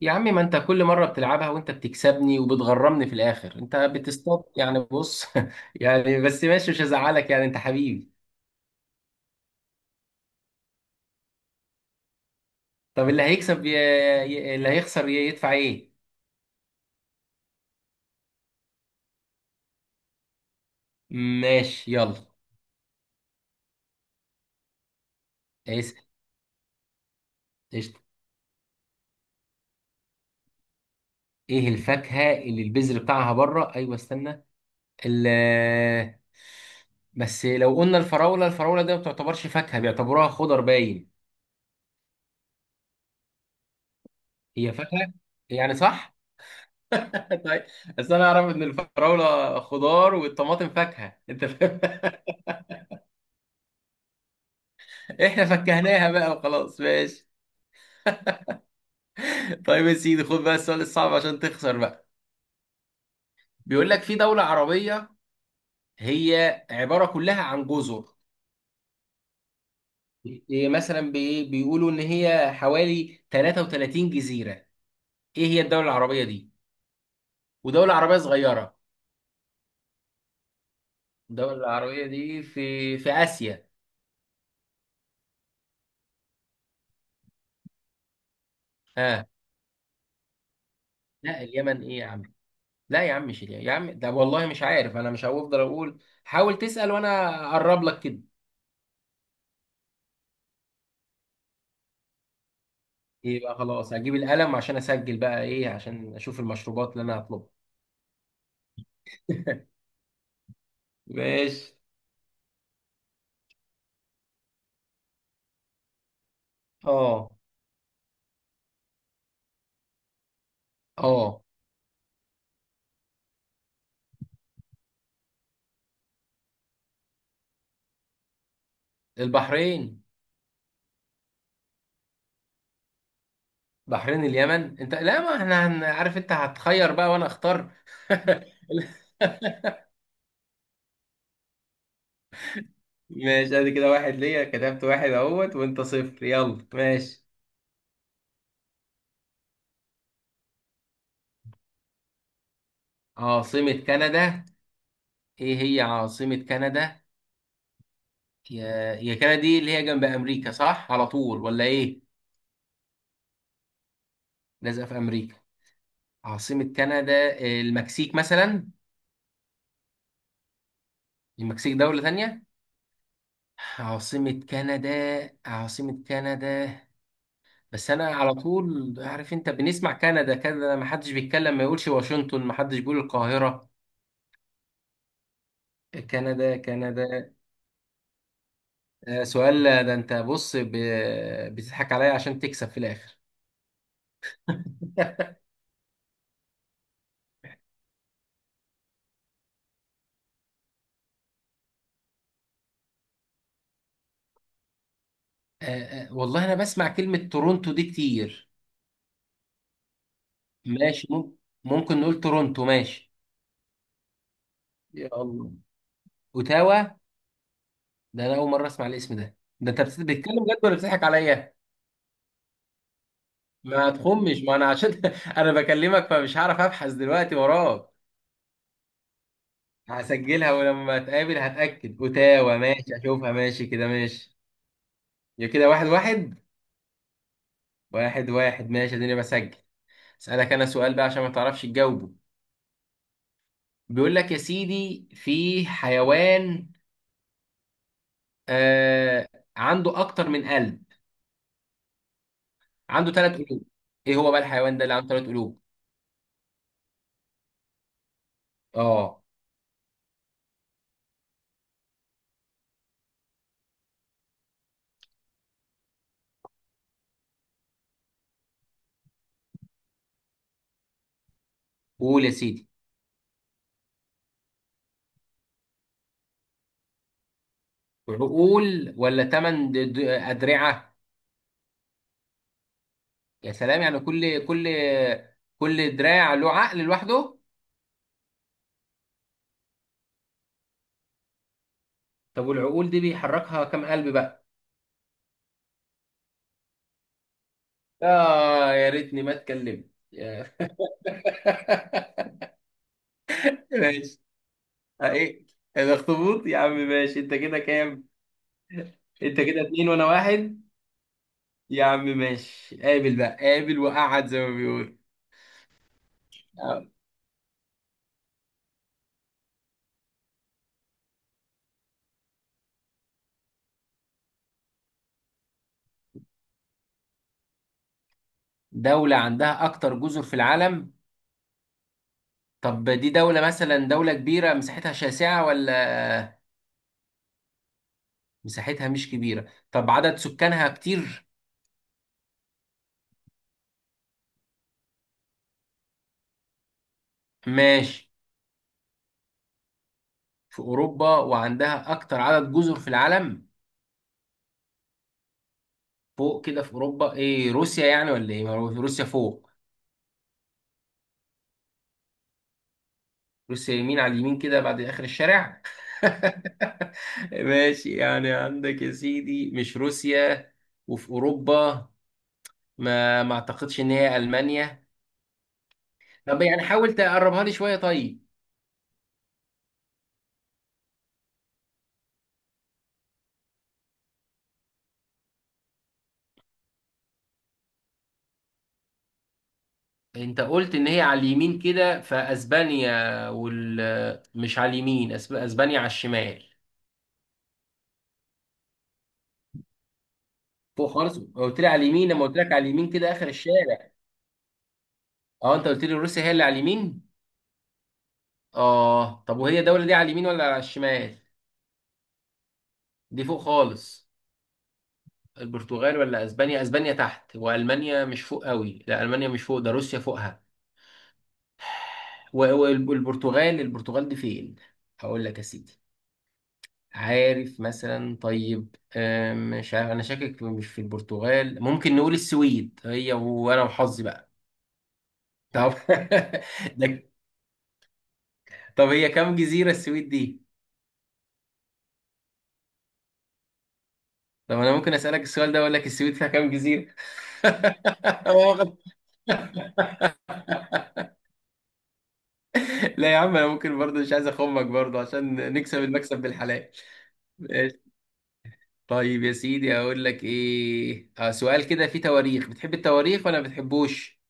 يا عم، ما انت كل مرة بتلعبها وانت بتكسبني وبتغرمني في الاخر. انت بتصطاد يعني. بص يعني بس ماشي، مش هزعلك، يعني انت حبيبي. طب اللي هيخسر يدفع ايه؟ ماشي يلا. اسال. قشطة. ايه الفاكهة اللي البذر بتاعها بره؟ ايوه استنى. ال... بس لو قلنا الفراولة ده ما بتعتبرش فاكهة، بيعتبروها خضر باين. هي فاكهة. يعني صح. طيب. بس انا اعرف ان الفراولة خضار والطماطم فاكهة، انت فاهم. احنا فكهناها بقى وخلاص ماشي. طيب يا سيدي، خد بقى السؤال الصعب عشان تخسر بقى. بيقول لك في دولة عربية، هي عبارة كلها عن جزر. إيه مثلا، بيقولوا ان هي حوالي 33 جزيرة. ايه هي الدولة العربية دي؟ ودولة عربية صغيرة. الدولة العربية دي في آسيا. ها. لا، اليمن ايه يا عم. لا يا عم، مش اليمن يا عم، ده والله مش عارف انا، مش هفضل اقول. حاول تسأل وانا اقرب لك كده. يبقى خلاص هجيب القلم عشان اسجل بقى ايه، عشان اشوف المشروبات اللي انا هطلبها. ماشي. اه، اه، البحرين. بحرين، اليمن، انت لا، ما احنا عارف انت هتخير بقى وانا اختار. ماشي، ادي كده واحد ليا، كتبت واحد اهوت وانت صفر، يلا ماشي. عاصمة كندا. ايه هي عاصمة كندا؟ يا كندا دي اللي هي جنب امريكا صح على طول ولا ايه؟ لازقة في امريكا. عاصمة كندا، المكسيك مثلا؟ المكسيك دولة تانية. عاصمة كندا. عاصمة كندا. بس أنا على طول عارف، أنت بنسمع كندا كندا، ما حدش بيتكلم ما يقولش واشنطن، ما حدش بيقول القاهرة. كندا كندا. سؤال ده أنت بص بتضحك عليا عشان تكسب في الآخر. آه، والله أنا بسمع كلمة تورونتو دي كتير. ماشي، ممكن نقول تورونتو ماشي. يا الله، أوتاوا. ده أنا أول مرة أسمع الاسم ده، ده أنت بتتكلم جد ولا بتضحك عليا؟ ما تخمش، ما انا عشان انا بكلمك فمش هعرف ابحث دلوقتي وراك. هسجلها ولما اتقابل هتاكد، اوتاوا، ماشي اشوفها ماشي كده ماشي. يا كده واحد واحد. واحد واحد ماشي، اديني بسجل. اسالك انا سؤال بقى عشان ما تعرفش تجاوبه. بيقول لك يا سيدي في حيوان، آه عنده اكتر من قلب، عنده ثلاث قلوب. ايه هو بقى الحيوان ده اللي عنده ثلاث قلوب؟ اه قول يا سيدي. عقول ولا ثمان ادرعه؟ يا سلام، يعني كل دراع له عقل لوحده. طب والعقول دي بيحركها كام قلب بقى؟ اه، يا ريتني ما اتكلمت ماشي. ايه الاخطبوط، يا عم ماشي، انت كده كام؟ انت كده اتنين وانا واحد. يا عم ماشي، قابل بقى قابل وقعد زي ما بيقول. آه. دولة عندها اكتر جزر في العالم. طب دي دولة مثلا دولة كبيرة مساحتها شاسعة ولا؟ مساحتها مش كبيرة، طب عدد سكانها كتير؟ ماشي. في اوروبا وعندها اكتر عدد جزر في العالم؟ فوق كده في اوروبا، ايه روسيا يعني ولا ايه، ما هو روسيا فوق. روسيا يمين، على اليمين كده بعد اخر الشارع. ماشي، يعني عندك يا سيدي مش روسيا. وفي اوروبا. ما اعتقدش ان هي المانيا. طب يعني حاول تقربها لي شويه طيب. انت قلت ان هي على اليمين كده، فاسبانيا وال مش على اليمين، اسبانيا على الشمال. فوق خالص، قلت لي على اليمين لما قلت لك على اليمين كده اخر الشارع. اه، انت قلت لي روسيا هي اللي على اليمين. اه طب وهي الدولة دي على اليمين ولا على الشمال؟ دي فوق خالص. البرتغال ولا اسبانيا، اسبانيا تحت، والمانيا مش فوق قوي، لا المانيا مش فوق، ده روسيا فوقها. والبرتغال دي فين؟ هقول لك يا سيدي. عارف مثلا طيب، مش عارف انا، شاكك مش في البرتغال، ممكن نقول السويد، هي وانا وحظي بقى. طب. ده- طب هي كام جزيرة السويد دي؟ طب انا ممكن اسالك السؤال ده واقول لك السويد فيها كام جزيرة؟ واخد- لا يا عم، انا ممكن برضه مش عايز اخمك برضه عشان نكسب المكسب بالحلال. ماشي. طيب يا سيدي اقول لك ايه، سؤال كده فيه تواريخ، بتحب التواريخ ولا ما بتحبوش؟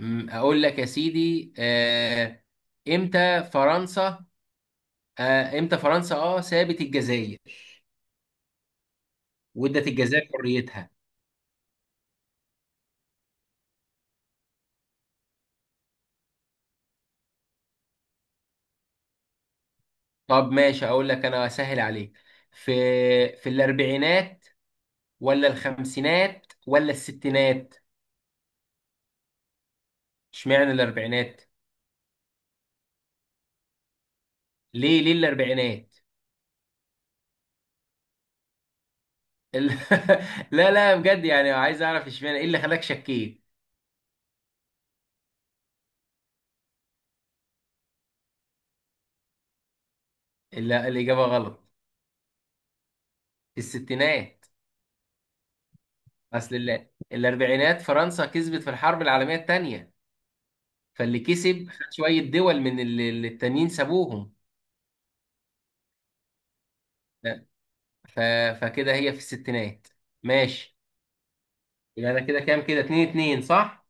اقول لك يا سيدي. امتى فرنسا امتى فرنسا سابت الجزائر وادت الجزائر حريتها. طب ماشي، اقول لك انا اسهل عليك. في في الاربعينات ولا الخمسينات ولا الستينات؟ اشمعنى الاربعينات؟ ليه ليه الاربعينات؟ ال- لا لا بجد، يعني عايز اعرف اشمعنى، ايه اللي خلاك شكيت. لا الاجابه غلط. الستينات. اصل الاربعينات فرنسا كسبت في الحرب العالميه الثانيه، فاللي كسب خد شويه دول من اللي التانيين سابوهم. لا، ف... فكده هي في الستينات. ماشي، يبقى انا كده كام، كده 2-2 صح.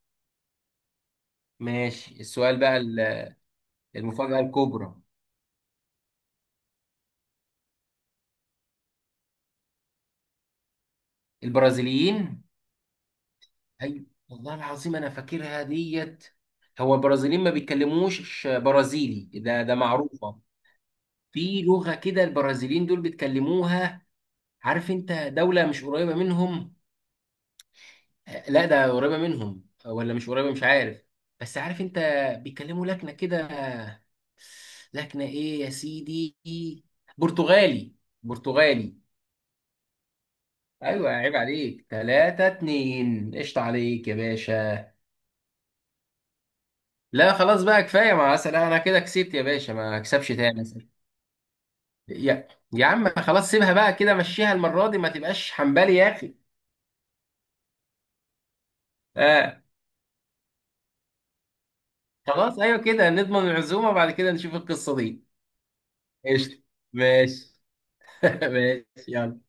ماشي السؤال بقى المفاجاه الكبرى. البرازيليين. ايوه والله العظيم انا فاكرها ديت. هو البرازيليين ما بيتكلموش برازيلي، ده معروفه. في لغه كده البرازيليين دول بيتكلموها. عارف انت، دوله مش قريبه منهم، لا ده قريبه منهم، ولا مش قريبه، مش عارف. بس عارف انت، بيتكلموا لكنه كده. لكنه ايه يا سيدي. برتغالي. برتغالي. ايوه عيب عليك، 3-2، قشطة عليك يا باشا. لا خلاص بقى كفايه، ما أصل انا كده كسبت يا باشا، ما اكسبش تاني أصل. يا يا عم خلاص، سيبها بقى كده، مشيها المره دي، ما تبقاش حنبالي يا اخي. آه. خلاص ايوه كده، نضمن العزومه بعد كده نشوف القصه دي. قشطه. ماشي. ماشي يلا.